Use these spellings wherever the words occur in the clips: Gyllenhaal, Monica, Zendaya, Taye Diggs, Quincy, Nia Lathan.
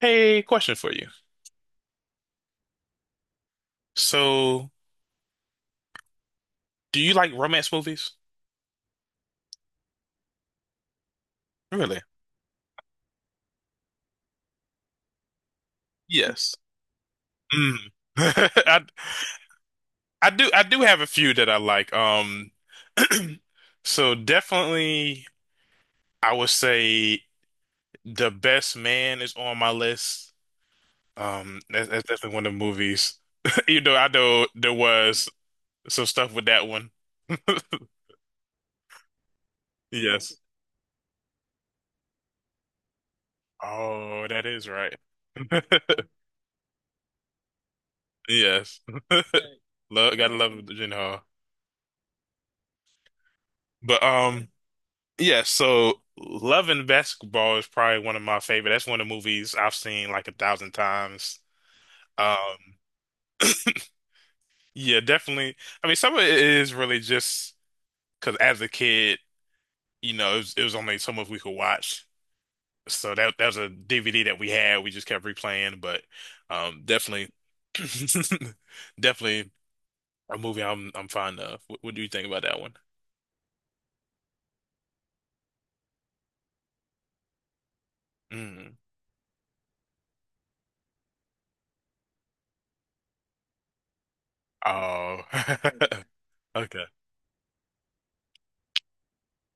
Hey, question for you. So, do you like romance movies? Really? Yes. Mm. I I do have a few that I like. So definitely I would say The Best Man is on my list. That's definitely one of the movies. You know, I know there was some stuff with that one. Yes. Oh, that is right. Yes. Love, gotta love Gyllenhaal. But yeah, so Love and Basketball is probably one of my favorite. That's one of the movies I've seen like a thousand times. Um, yeah, definitely. I mean, some of it is really just because as a kid, you know, it was only so much we could watch. So that was a DVD that we had. We just kept replaying, but definitely, definitely a movie I'm fond of. What do you think about that one? Mm. Oh, okay.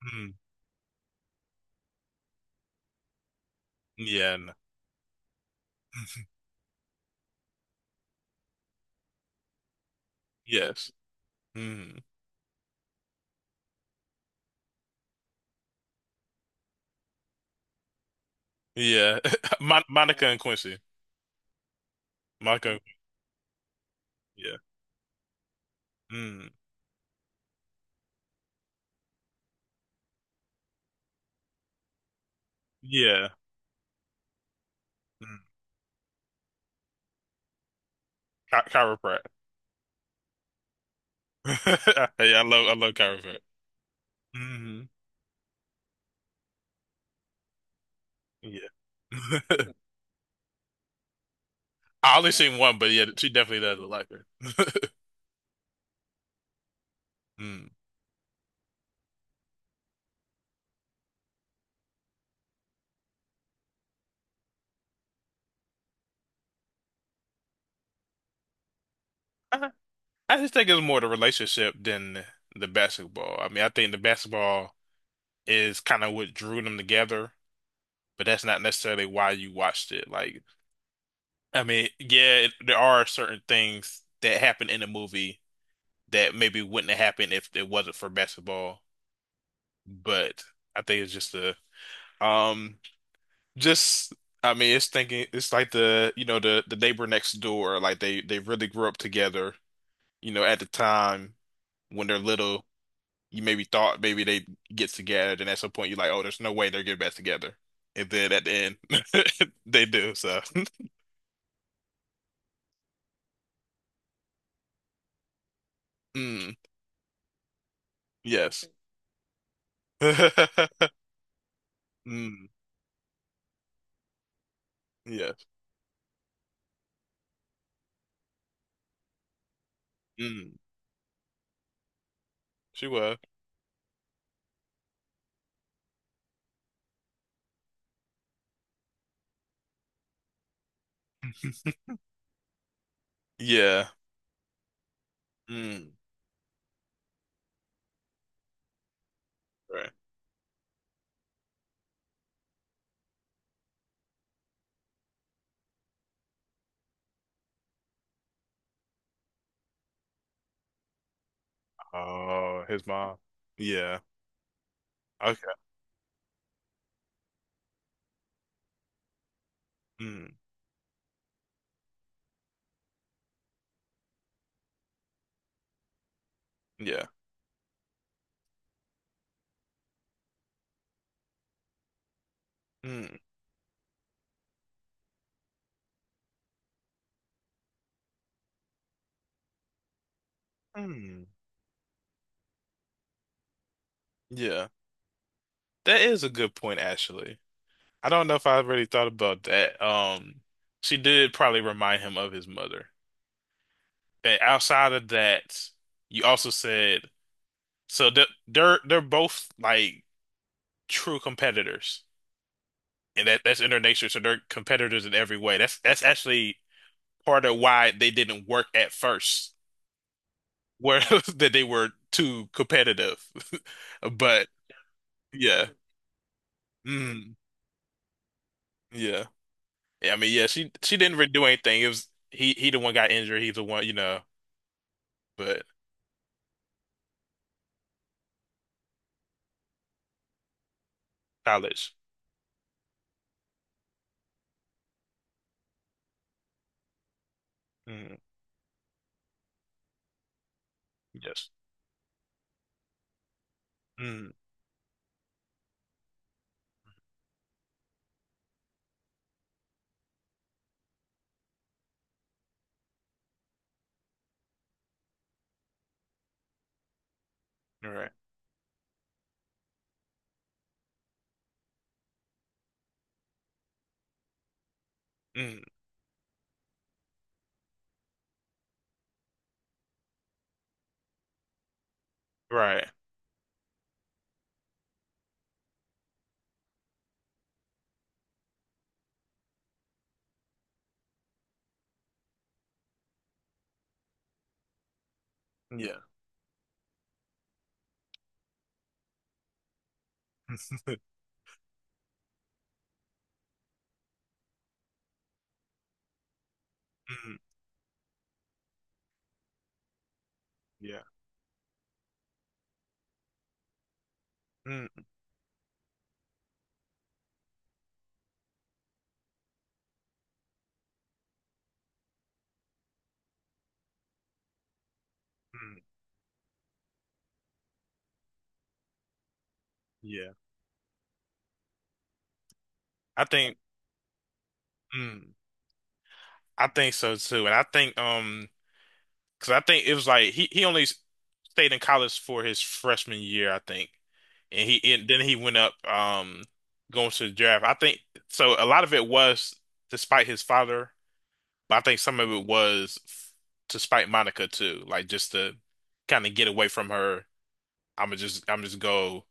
Mm. Yeah. No. Yes. Mm. Yeah. Monica and Quincy. Monica and yeah. Mm. Yeah. Mm. Chiropract. Hey, I love chiropract. Hmm. Yeah. I only seen one, but yeah, she definitely does look like her. Mm. I, I just think it's more the relationship than the basketball. I mean, I think the basketball is kind of what drew them together, but that's not necessarily why you watched it. Like, I mean, yeah, there are certain things that happen in the movie that maybe wouldn't have happened if it wasn't for basketball. But I think it's just the um just, I mean, it's thinking it's like the the neighbor next door, like they really grew up together, you know, at the time when they're little. You maybe thought maybe they get together, and at some point you're like, oh, there's no way they're getting back together, and then at the end they do so. Mm, yes. Mm, yes. Mm, she was. Yeah. Mm, right. Oh, his mom. Yeah. Okay. Mm, yeah. Mm, mm, yeah. That is a good point, actually. I don't know if I really thought about that. She did probably remind him of his mother. And outside of that, you also said so they're both like true competitors, and that's in their nature. So they're competitors in every way. That's actually part of why they didn't work at first, where that they were too competitive. But yeah. Mm. Yeah. Yeah. I mean, yeah, she didn't really do anything. It was he the one got injured. He's the one, you know, but college. Mm. Yes. Mm. Right. Mm. Right. Yeah. Mm. Yeah. Mm. Mm. Yeah. I think mm. I think so too. And I think because I think it was like he only stayed in college for his freshman year, I think. And then he went up going to the draft. I think so a lot of it was despite his father. But I think some of it was to spite Monica too, like just to kind of get away from her. I'm just go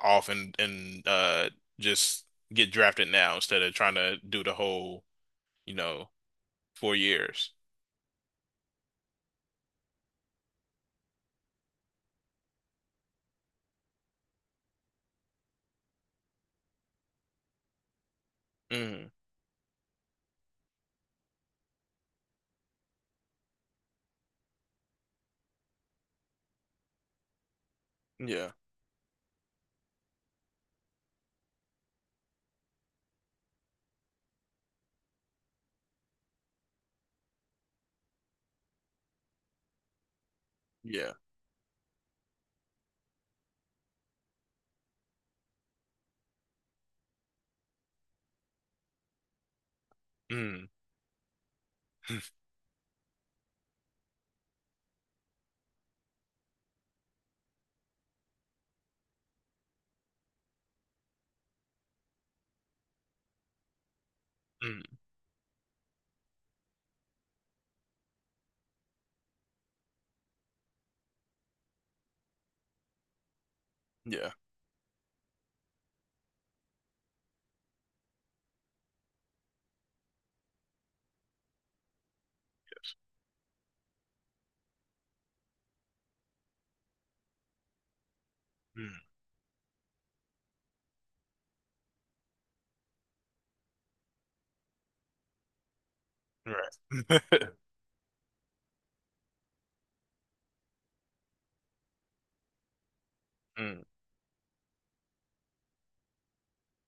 off and just get drafted now instead of trying to do the whole, you know, 4 years. Mm, yeah, yeah. Mm. Mm, yeah, mm, right. Mm,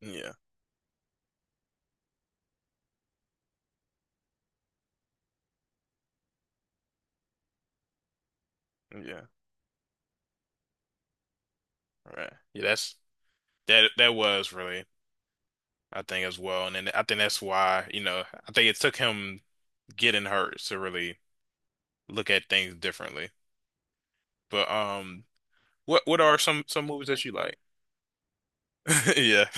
yeah, yeah, right. Yeah, that's that was really, I think, as well. And then I think that's why, you know, I think it took him getting hurt to really look at things differently. But what are some movies that you like? Yeah.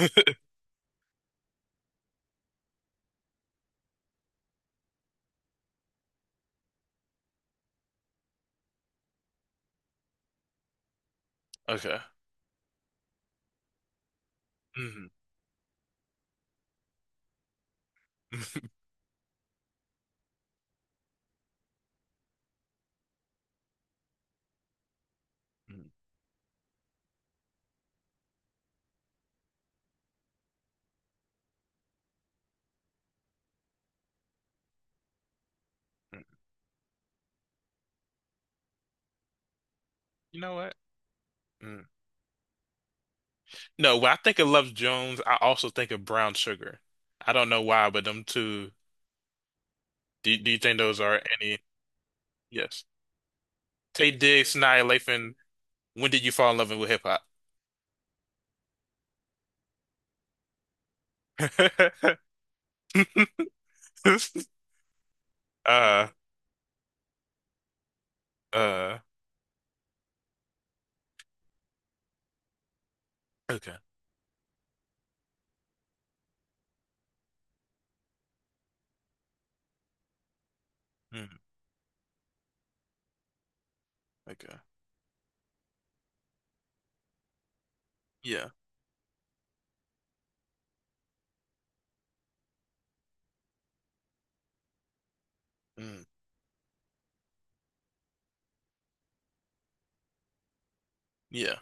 Okay. Mhm. You know what? Mm. No, when I think of Love Jones, I also think of Brown Sugar. I don't know why, but them two. Do you think those are any? Yes. Taye Diggs, Nia Lathan. When did you fall in love with hip hop? Uh, uh. Okay. Mm, okay. Yeah. Mm, yeah.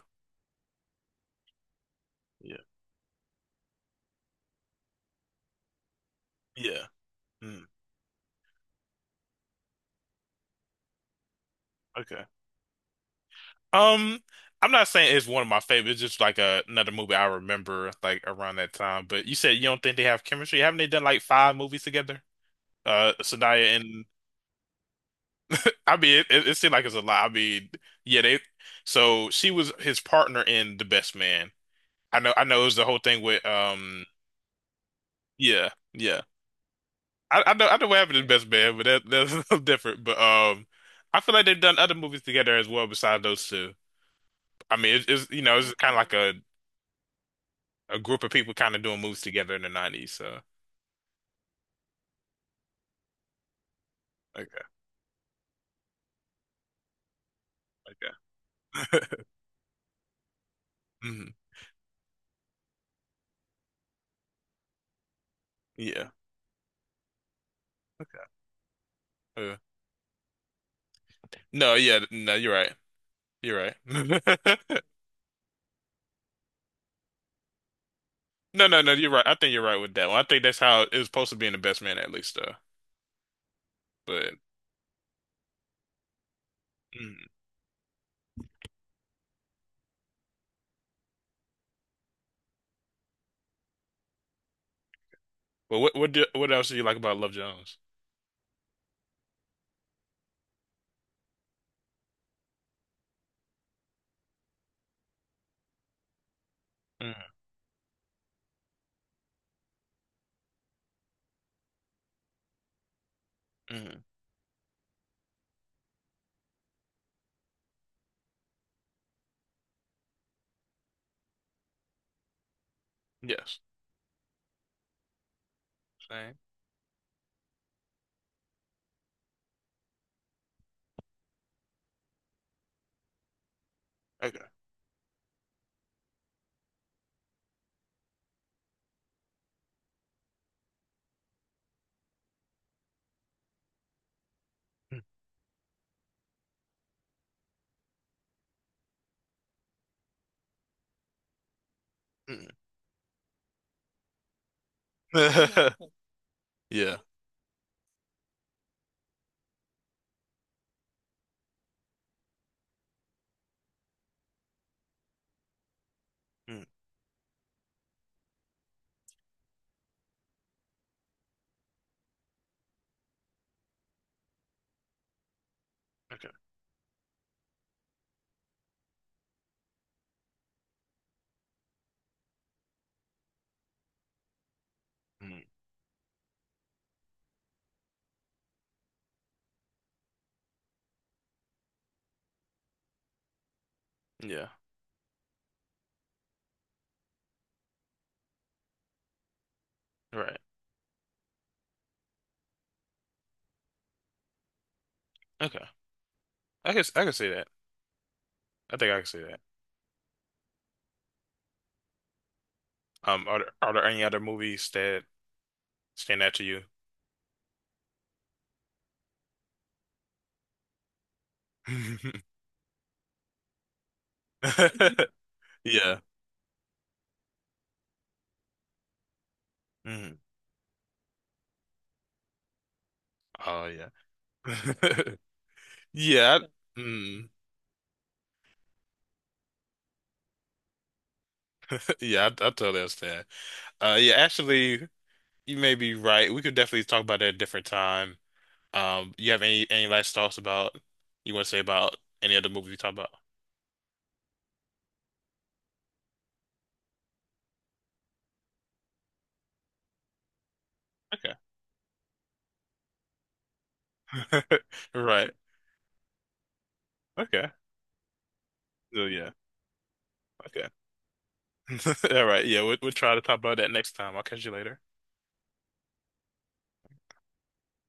Yeah. Yeah. Mm, okay. Um, I'm not saying it's one of my favorites. It's just like another movie I remember like around that time. But you said you don't think they have chemistry. Haven't they done like five movies together? Zendaya and I mean, it seemed like it's a lot. I mean, yeah, they. So she was his partner in The Best Man. I know, it was the whole thing with yeah, yeah. I know what happened in The Best Man, but that's a little different. But I feel like they've done other movies together as well besides those two. I mean, it's kind of like a group of people kind of doing moves together in the 90s. So, okay, okay. Mhm. Yeah. Okay. Uh, no, yeah, no, you're right. You're right. No, no, no, you're right. I think you're right with that one. I think that's how it was supposed to be in The Best Man at least, though. But, mm. But what what else do you like about Love Jones? Mm, mm, yes. Same. Okay. Mm, mm. Yeah. Mm, okay. Mm, yeah. Right. Okay. I guess I can see that. I think I can see that. Are there any other movies that stand out to you? Yeah. Mm. Oh yeah. Yeah. Mm. Yeah. I totally understand. Yeah. Actually, you may be right. We could definitely talk about that at a different time. You have any last thoughts about you want to say about any other movie we talk about? Okay. Right. Okay. So yeah. Okay. All right. Yeah. We'll try to talk about that next time. I'll catch you later.